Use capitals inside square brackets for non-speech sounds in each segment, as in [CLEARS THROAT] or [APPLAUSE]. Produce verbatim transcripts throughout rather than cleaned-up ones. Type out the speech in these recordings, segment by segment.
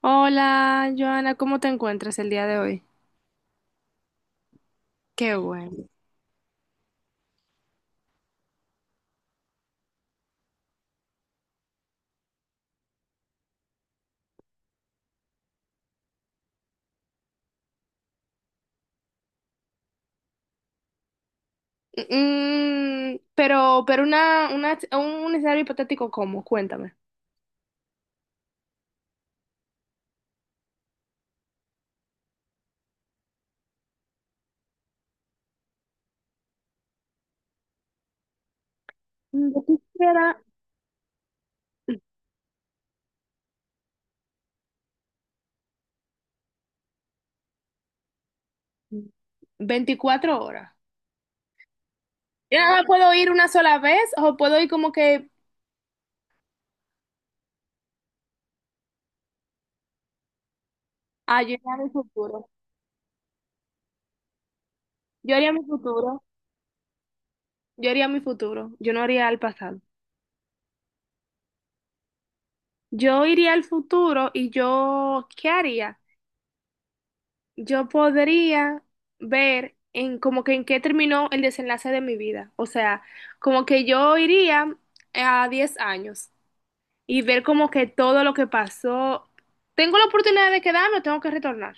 Hola, Joana, ¿cómo te encuentras el día de hoy? Qué bueno. Mm, mm, pero, pero una, una, un escenario hipotético, ¿cómo? Cuéntame. Mm, yo quisiera veinticuatro horas. Yo nada más puedo ir una sola vez o puedo ir como que, ah, yo iría a mi futuro. Yo haría mi futuro. Yo haría mi futuro. Yo no haría al pasado. Yo iría al futuro y yo, ¿qué haría? Yo podría ver en como que en qué terminó el desenlace de mi vida. O sea, como que yo iría a diez años y ver como que todo lo que pasó. ¿Tengo la oportunidad de quedarme o tengo que retornar?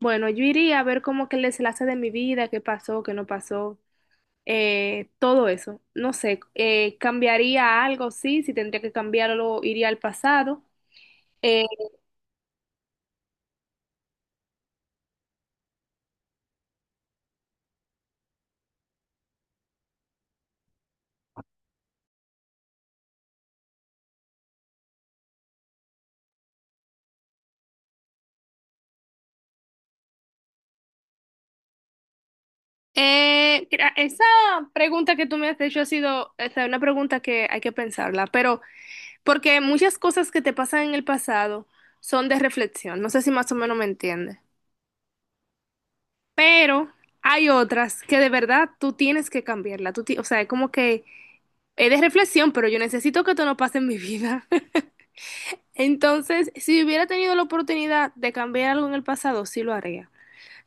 Bueno, yo iría a ver como que el desenlace de mi vida, qué pasó, qué no pasó, eh, todo eso. No sé, eh, ¿cambiaría algo? Sí, si tendría que cambiarlo, iría al pasado. Eh, Eh, gra- esa pregunta que tú me has hecho ha sido, o sea, una pregunta que hay que pensarla, pero porque muchas cosas que te pasan en el pasado son de reflexión, no sé si más o menos me entiendes, pero hay otras que de verdad tú tienes que cambiarla, tú ti- o sea, es como que es de reflexión, pero yo necesito que esto no pase en mi vida. [LAUGHS] Entonces, si hubiera tenido la oportunidad de cambiar algo en el pasado, sí lo haría.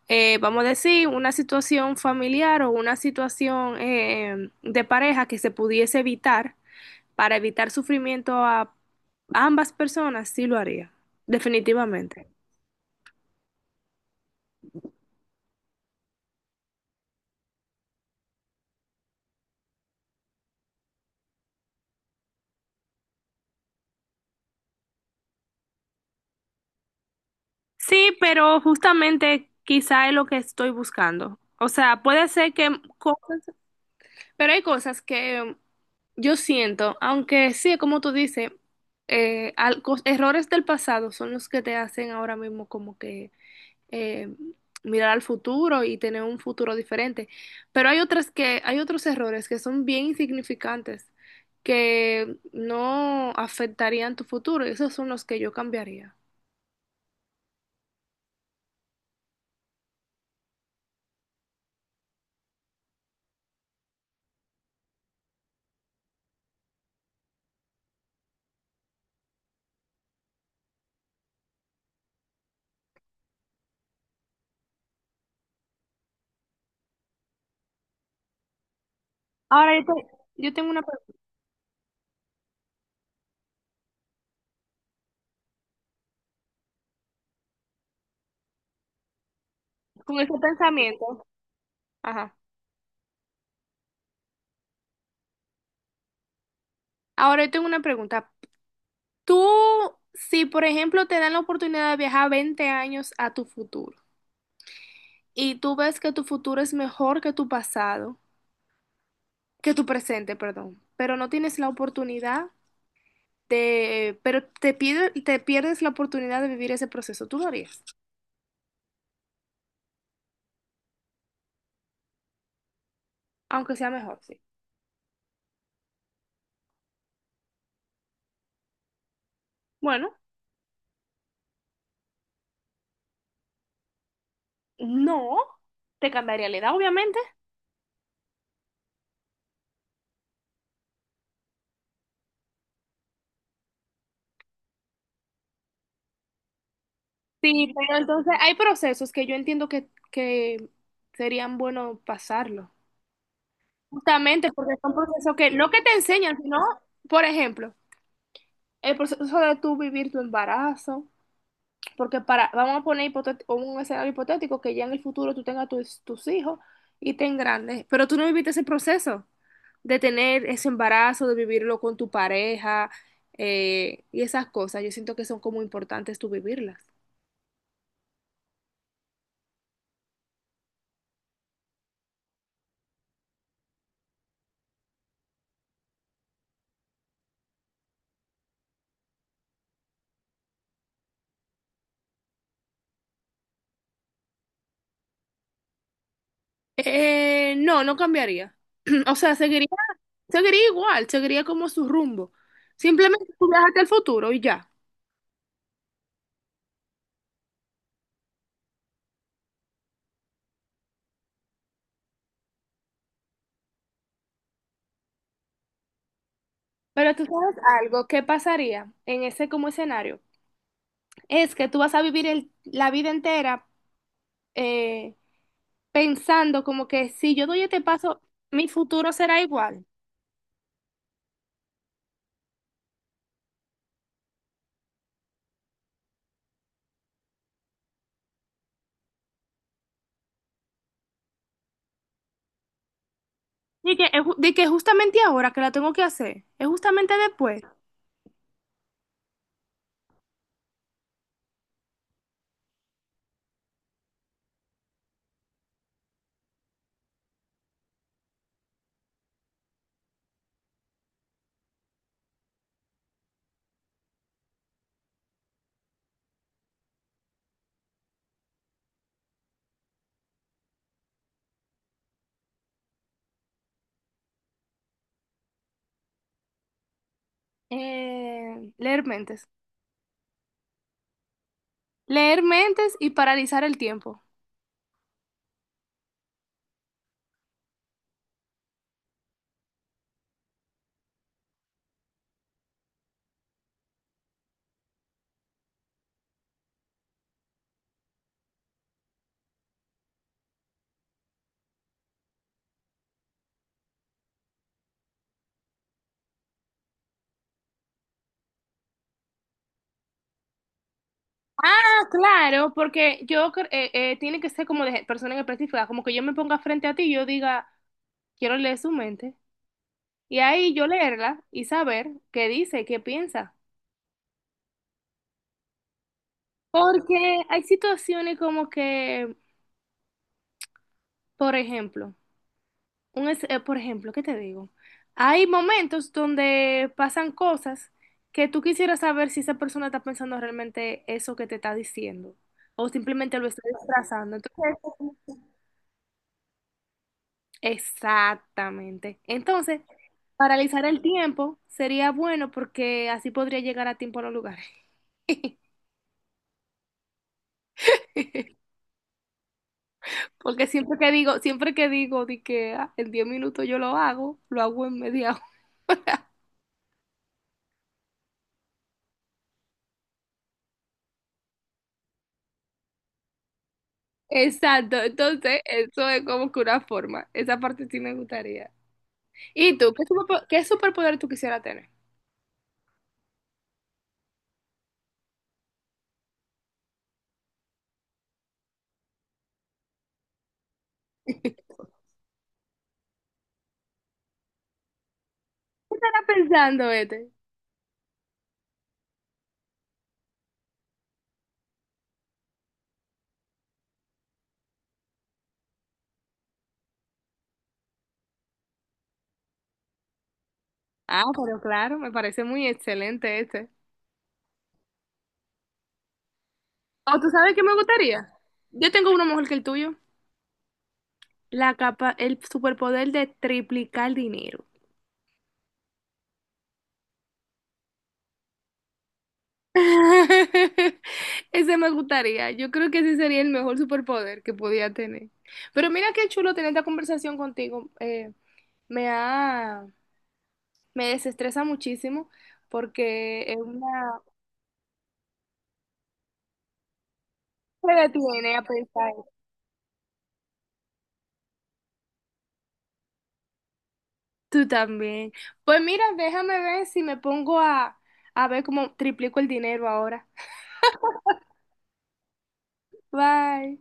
Eh, vamos a decir, una situación familiar o una situación eh, de pareja que se pudiese evitar para evitar sufrimiento a ambas personas, sí lo haría, definitivamente. Sí, pero justamente quizá es lo que estoy buscando. O sea, puede ser que cosas, pero hay cosas que yo siento, aunque sí, como tú dices, eh, al- cos- errores del pasado son los que te hacen ahora mismo como que eh, mirar al futuro y tener un futuro diferente. Pero hay otras que, hay otros errores que son bien insignificantes, que no afectarían tu futuro, y esos son los que yo cambiaría. Ahora yo, te- yo tengo una pregunta, con ese pensamiento. Ajá. Ahora yo tengo una pregunta. Tú, si por ejemplo te dan la oportunidad de viajar veinte años a tu futuro y tú ves que tu futuro es mejor que tu pasado, que tu presente, perdón, pero no tienes la oportunidad te, pero te, pierde- te pierdes la oportunidad de vivir ese proceso. ¿Tú lo harías, aunque sea mejor? Sí. Bueno, no, te cambiaría la edad, obviamente. Sí, pero entonces hay procesos que yo entiendo que, que serían buenos pasarlo. Justamente porque son procesos que no que te enseñan, sino, por ejemplo, el proceso de tú vivir tu embarazo. Porque para, vamos a poner hipotet- un escenario hipotético que ya en el futuro tú tengas tus, tus hijos y te grandes, pero tú no viviste ese proceso de tener ese embarazo, de vivirlo con tu pareja eh, y esas cosas. Yo siento que son como importantes tú vivirlas. Eh, no, no cambiaría. [CLEARS THROAT] O sea, seguiría, seguiría igual, seguiría como su rumbo. Simplemente tú viajaste al futuro y ya. Pero tú sabes algo, ¿qué pasaría en ese como escenario? Es que tú vas a vivir el- la vida entera eh, pensando como que si yo doy este paso, mi futuro será igual. De que, es ju- de que justamente ahora que la tengo que hacer, es justamente después. Eh, leer mentes. Leer mentes y paralizar el tiempo. Ah, claro, porque yo cre- eh, eh, tiene que ser como de persona en específica, como que yo me ponga frente a ti y yo diga, quiero leer su mente. Y ahí yo leerla y saber qué dice, qué piensa. Porque hay situaciones como que, por ejemplo, un es- eh, por ejemplo, ¿qué te digo? Hay momentos donde pasan cosas que tú quisieras saber si esa persona está pensando realmente eso que te está diciendo o simplemente lo está disfrazando. Entonces, exactamente. Entonces, paralizar el tiempo sería bueno porque así podría llegar a tiempo a los lugares. [LAUGHS] Porque siempre que digo, siempre que digo de que ah, en diez minutos yo lo hago, lo hago en media. Exacto, entonces eso es como que una forma. Esa parte sí me gustaría. ¿Y tú? ¿Qué superpo- ¿qué superpoder tú quisieras tener? [LAUGHS] ¿Qué estará pensando este? Ah, pero claro, me parece muy excelente este. ¿O tú sabes qué me gustaría? Yo tengo uno mejor que el tuyo. La capa, el superpoder de triplicar dinero. [LAUGHS] Ese me gustaría. Yo creo que ese sería el mejor superpoder que podía tener. Pero mira qué chulo tener esta conversación contigo. Eh, me ha Me desestresa muchísimo porque es una... Me detiene a pensar. Tú también. Pues mira, déjame ver si me pongo a, a ver cómo triplico el dinero ahora. Bye.